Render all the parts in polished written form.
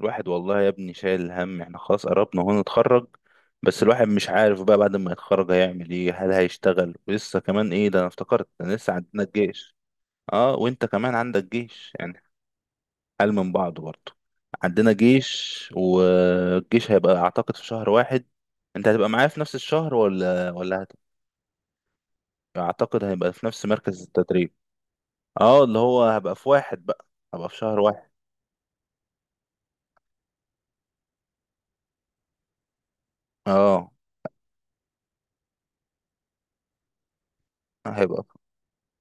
الواحد والله يا ابني شايل الهم، احنا خلاص قربنا هو نتخرج. بس الواحد مش عارف بقى بعد ما يتخرج هيعمل ايه، هل هيشتغل ولسه كمان ايه، ده انا افتكرت ده لسه عندنا الجيش. اه وانت كمان عندك جيش يعني، حال من بعض برضه. عندنا جيش، والجيش هيبقى اعتقد في شهر واحد. انت هتبقى معايا في نفس الشهر ولا اعتقد هيبقى في نفس مركز التدريب. اه اللي هو هبقى في واحد بقى، هبقى في شهر واحد. اه، هيبقى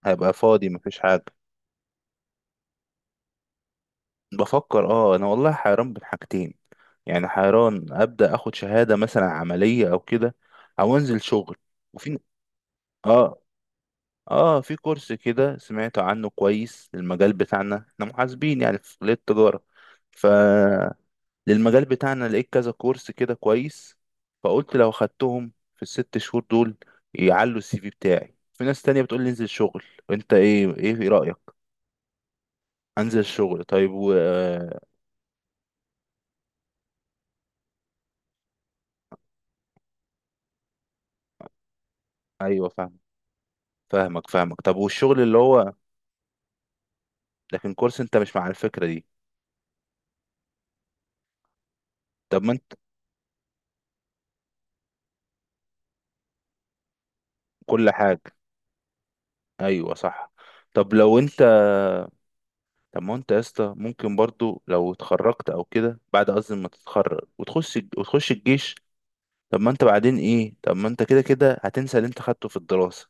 فاضي مفيش حاجة. بفكر اه، انا والله حيران بين حاجتين، يعني حيران ابدا اخد شهاده مثلا عمليه او كده، او انزل شغل. وفي اه، اه في كورس كده سمعت عنه كويس للمجال بتاعنا، احنا محاسبين يعني في كليه التجاره. فللمجال بتاعنا لقيت كذا كورس كده كويس. فقلت لو خدتهم في الست شهور دول يعلوا السي في بتاعي. في ناس تانية بتقول لي انزل شغل. انت ايه رأيك؟ انزل شغل، طيب. و... آه، ايوه فاهم. فاهمك طب والشغل اللي هو، لكن كورس انت مش مع الفكرة دي؟ طب ما انت كل حاجة، ايوه صح. طب لو انت، طب ما انت يا اسطى ممكن برضو لو اتخرجت او كده، بعد قصدي ما تتخرج وتخش الجيش. طب ما انت بعدين ايه، طب ما انت كده كده هتنسى اللي انت خدته في الدراسة.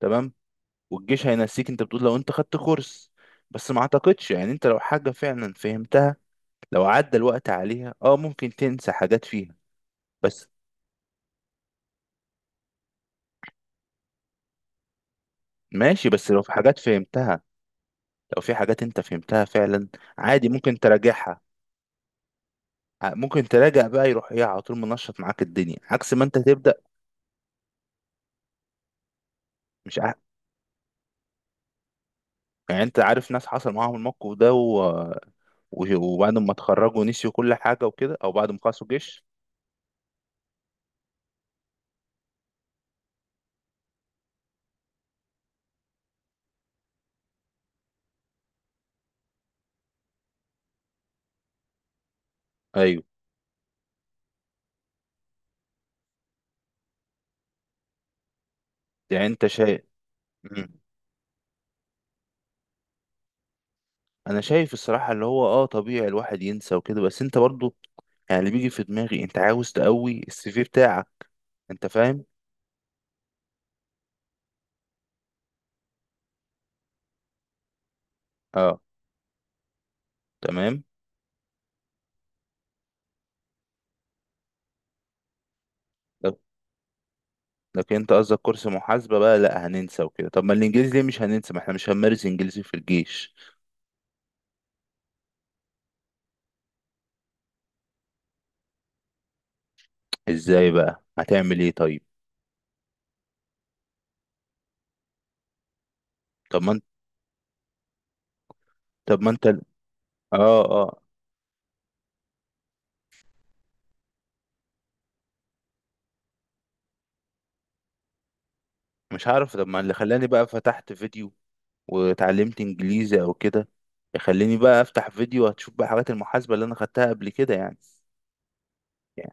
تمام. والجيش هينسيك، انت بتقول لو انت خدت كورس. بس ما اعتقدش يعني، انت لو حاجة فعلا فهمتها لو عدى الوقت عليها، اه ممكن تنسى حاجات فيها. بس ماشي، بس لو في حاجات فهمتها، لو في حاجات انت فهمتها فعلا عادي ممكن تراجعها. ممكن تراجع بقى، يروح ايه على طول منشط معاك الدنيا عكس ما انت تبدأ. مش ع... يعني انت عارف ناس حصل معاهم الموقف ده، و... و... وبعد ما اتخرجوا نسيوا كل حاجة وكده، او بعد ما خلصوا جيش. ايوه. يعني انت شايف. مم. انا شايف الصراحة اللي هو اه، طبيعي الواحد ينسى وكده. بس انت برضو يعني، اللي بيجي في دماغي انت عاوز تقوي السي في بتاعك، انت فاهم؟ اه تمام. لكن انت قصدك كورس محاسبة بقى، لا هننسى وكده، طب ما الانجليزي ليه مش هننسى، ما احنا مش هنمارس انجليزي في الجيش. ازاي بقى هتعمل ايه طيب؟ طب ما انت، طب ما انت اه مش عارف. طب ما اللي خلاني بقى فتحت فيديو واتعلمت انجليزي او كده، يخليني بقى افتح فيديو هتشوف بقى حاجات المحاسبة اللي انا خدتها قبل كده يعني. يعني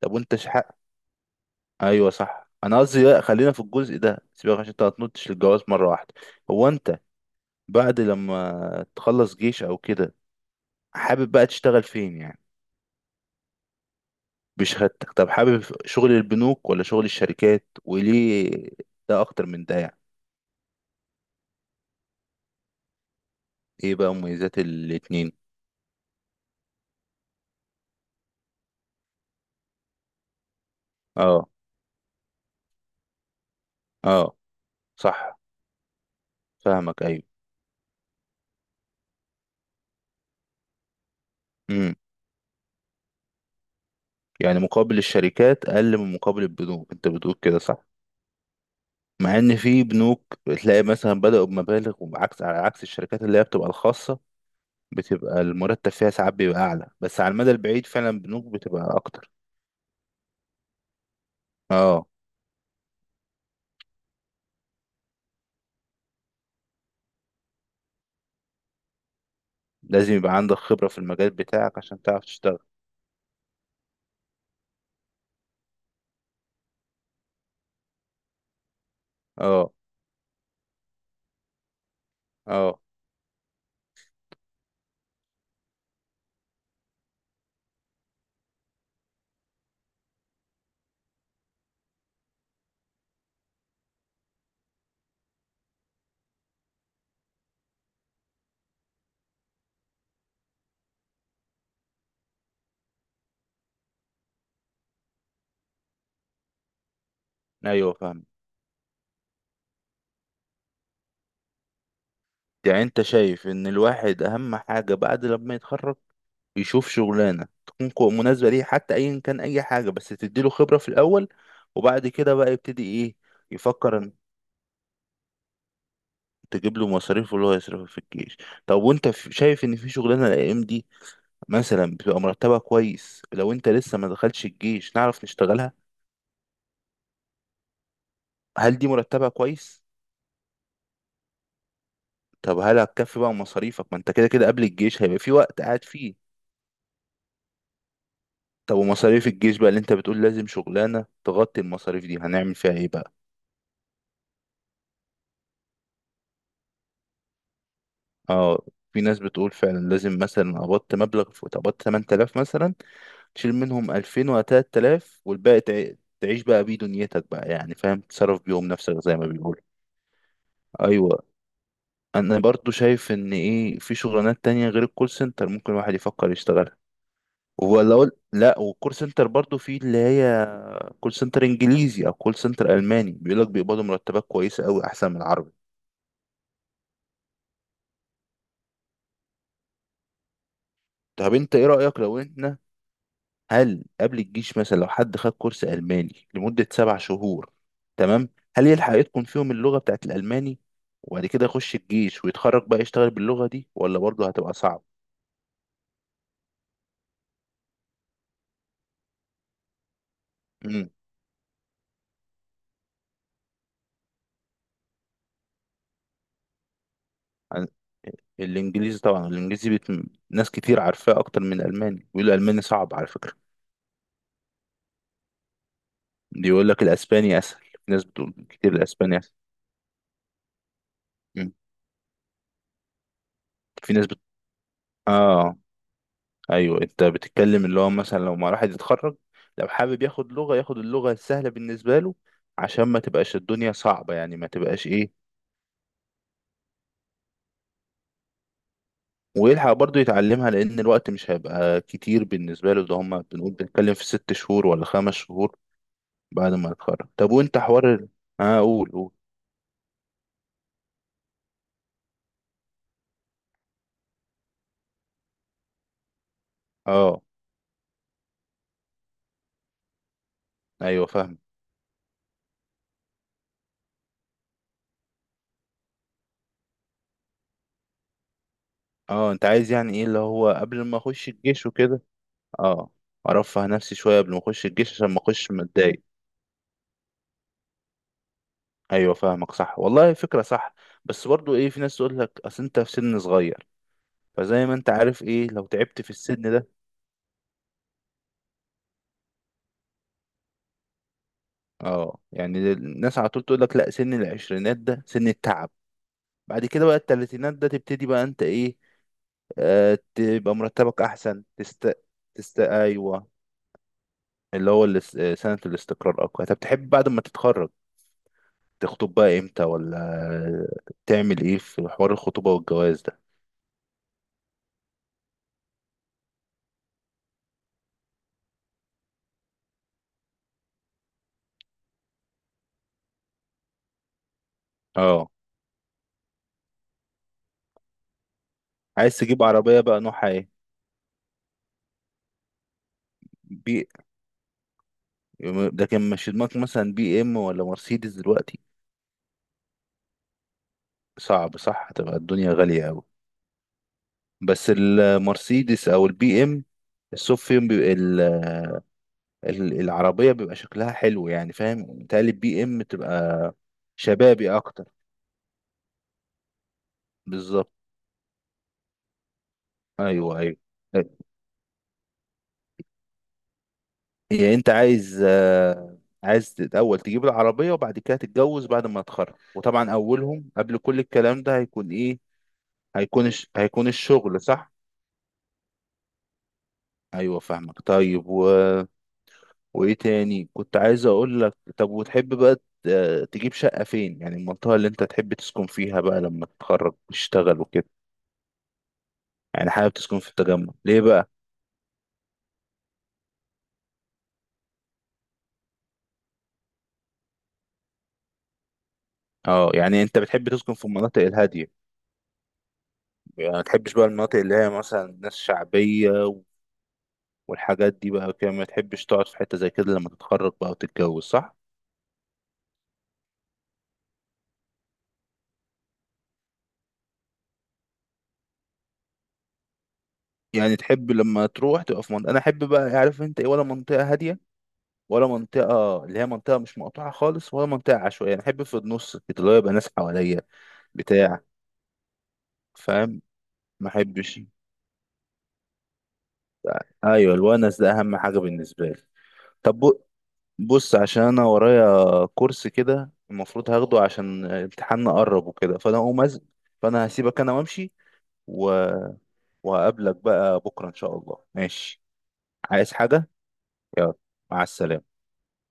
طب وانت شحق، ايوه صح. انا قصدي لا، خلينا في الجزء ده سيبك، عشان انت هتنطش للجواز مرة واحدة. هو انت بعد لما تخلص جيش او كده، حابب بقى تشتغل فين يعني؟ بشهادتك، طب حابب شغل البنوك ولا شغل الشركات، وليه ده اكتر من ده يعني؟ ايه بقى مميزات الاتنين؟ اه، اه صح، فاهمك، ايوه. امم. يعني مقابل الشركات اقل من مقابل البنوك، انت بتقول كده صح؟ مع ان في بنوك بتلاقي مثلا بدأوا بمبالغ، وعكس على عكس الشركات اللي هي بتبقى الخاصة بتبقى المرتب فيها ساعات بيبقى اعلى، بس على المدى البعيد فعلا البنوك بتبقى اكتر. اه. لازم يبقى عندك خبرة في المجال بتاعك عشان تعرف تشتغل. اه، اه ايوه فاهم. يعني انت شايف ان الواحد اهم حاجة بعد لما يتخرج يشوف شغلانة تكون مناسبة ليه، حتى ايا كان اي حاجة بس تديله خبرة في الاول، وبعد كده بقى يبتدي ايه؟ يفكر ان تجيب له مصاريف اللي هو يصرفها في الجيش. طب وانت شايف ان في شغلانة الايام دي مثلا بتبقى مرتبها كويس لو انت لسه ما دخلش الجيش نعرف نشتغلها؟ هل دي مرتبها كويس؟ طب هل هتكفي بقى مصاريفك؟ ما انت كده كده قبل الجيش هيبقى في وقت قاعد فيه. طب ومصاريف الجيش بقى اللي انت بتقول لازم شغلانة تغطي المصاريف دي هنعمل فيها ايه بقى؟ اه. في ناس بتقول فعلا لازم، مثلا قبضت مبلغ، قبضت 8000 مثلا، تشيل منهم 2000 و 3000 والباقي تعيش بقى بيه دنيتك بقى، يعني فاهم تصرف بيهم نفسك زي ما بيقولوا. ايوه. انا برضو شايف ان ايه، في شغلانات تانية غير الكول سنتر ممكن الواحد يفكر يشتغلها، ولا اقول لا، والكول سنتر برضو في اللي هي كول سنتر انجليزي او كول سنتر الماني بيقول لك بيقبضوا مرتبات كويسة قوي احسن من العربي. طب انت ايه رأيك لو احنا، هل قبل الجيش مثلا لو حد خد كورس ألماني لمدة سبع شهور، تمام، هل يلحق يتقن فيهم اللغة بتاعت الألماني، وبعد كده يخش الجيش ويتخرج بقى يشتغل باللغة دي، ولا برضه هتبقى صعب؟ امم. الإنجليزي طبعا، ناس كتير عارفاه أكتر من الألماني، بيقولوا الألماني صعب على فكرة. بيقول لك الأسباني أسهل، في ناس بتقول كتير الأسباني أسهل. مم. في ناس بت... آه ايوه، انت بتتكلم اللي هو مثلا لو ما الواحد يتخرج، لو حابب ياخد لغة ياخد اللغة السهلة بالنسبة له عشان ما تبقاش الدنيا صعبة، يعني ما تبقاش ايه، ويلحق برضه يتعلمها لان الوقت مش هيبقى كتير بالنسبة له، ده هما بنقول بنتكلم في ست شهور ولا خمس شهور بعد ما يتخرج. طب وانت حوار اه قول اه ايوه فاهم. اه انت عايز يعني ايه اللي هو قبل ما اخش الجيش وكده. اه ارفه نفسي شوية قبل ما اخش الجيش عشان ما اخش متضايق. ايوه فاهمك، صح والله، فكره صح. بس برضو ايه، في ناس تقول لك اصل انت في سن صغير، فزي ما انت عارف ايه لو تعبت في السن ده. اه، يعني الناس على طول تقول لك لا سن العشرينات ده سن التعب، بعد كده بقى التلاتينات ده تبتدي بقى انت ايه، آه تبقى مرتبك احسن، تست ايوه، اللي هو سنه الاستقرار اقوى. طب تحب بعد ما تتخرج تخطب بقى امتى، ولا تعمل ايه في حوار الخطوبه والجواز ده؟ اه. عايز تجيب عربيه بقى نوعها ايه؟ لكن مش في دماغك مثلا بي ام ولا مرسيدس دلوقتي؟ صعب، صح هتبقى الدنيا غالية قوي. بس المرسيدس او البي ام الصوف فيهم بيبقى العربية بيبقى شكلها حلو، يعني فاهم، متهيألي البي ام تبقى شبابي اكتر، بالظبط، ايوه. يعني انت عايز عايز الاول تجيب العربية وبعد كده تتجوز بعد ما تتخرج، وطبعا اولهم قبل كل الكلام ده هيكون ايه، هيكون الشغل، صح؟ ايوه فاهمك، طيب. وايه تاني كنت عايز اقول لك، طب وتحب بقى تجيب شقة فين، يعني المنطقة اللي انت تحب تسكن فيها بقى لما تتخرج وتشتغل وكده؟ يعني حابب تسكن في التجمع ليه بقى؟ اه، يعني انت بتحب تسكن في المناطق الهادية. يعني ما تحبش بقى المناطق اللي هي مثلا ناس شعبية والحاجات دي بقى كده، ما تحبش تقعد في حتة زي كده لما تتخرج بقى وتتجوز، صح؟ يعني تحب لما تروح تبقى في منطقة، انا احب بقى عارف انت ايه، ولا منطقة هادية، ولا منطقة اللي هي منطقة مش مقطوعة خالص، ولا منطقة عشوائية. أنا أحب في النص كده، اللي هو يبقى ناس حواليا، بتاع، فاهم، ما أحبش. أيوة، الونس ده أهم حاجة بالنسبة لي. طب بص عشان أنا ورايا كورس كده المفروض هاخده، عشان امتحاننا قرب وكده، فأنا هسيبك أنا وأمشي، و... وهقابلك بقى بكرة إن شاء الله، ماشي؟ عايز حاجة؟ يلا، مع السلامة.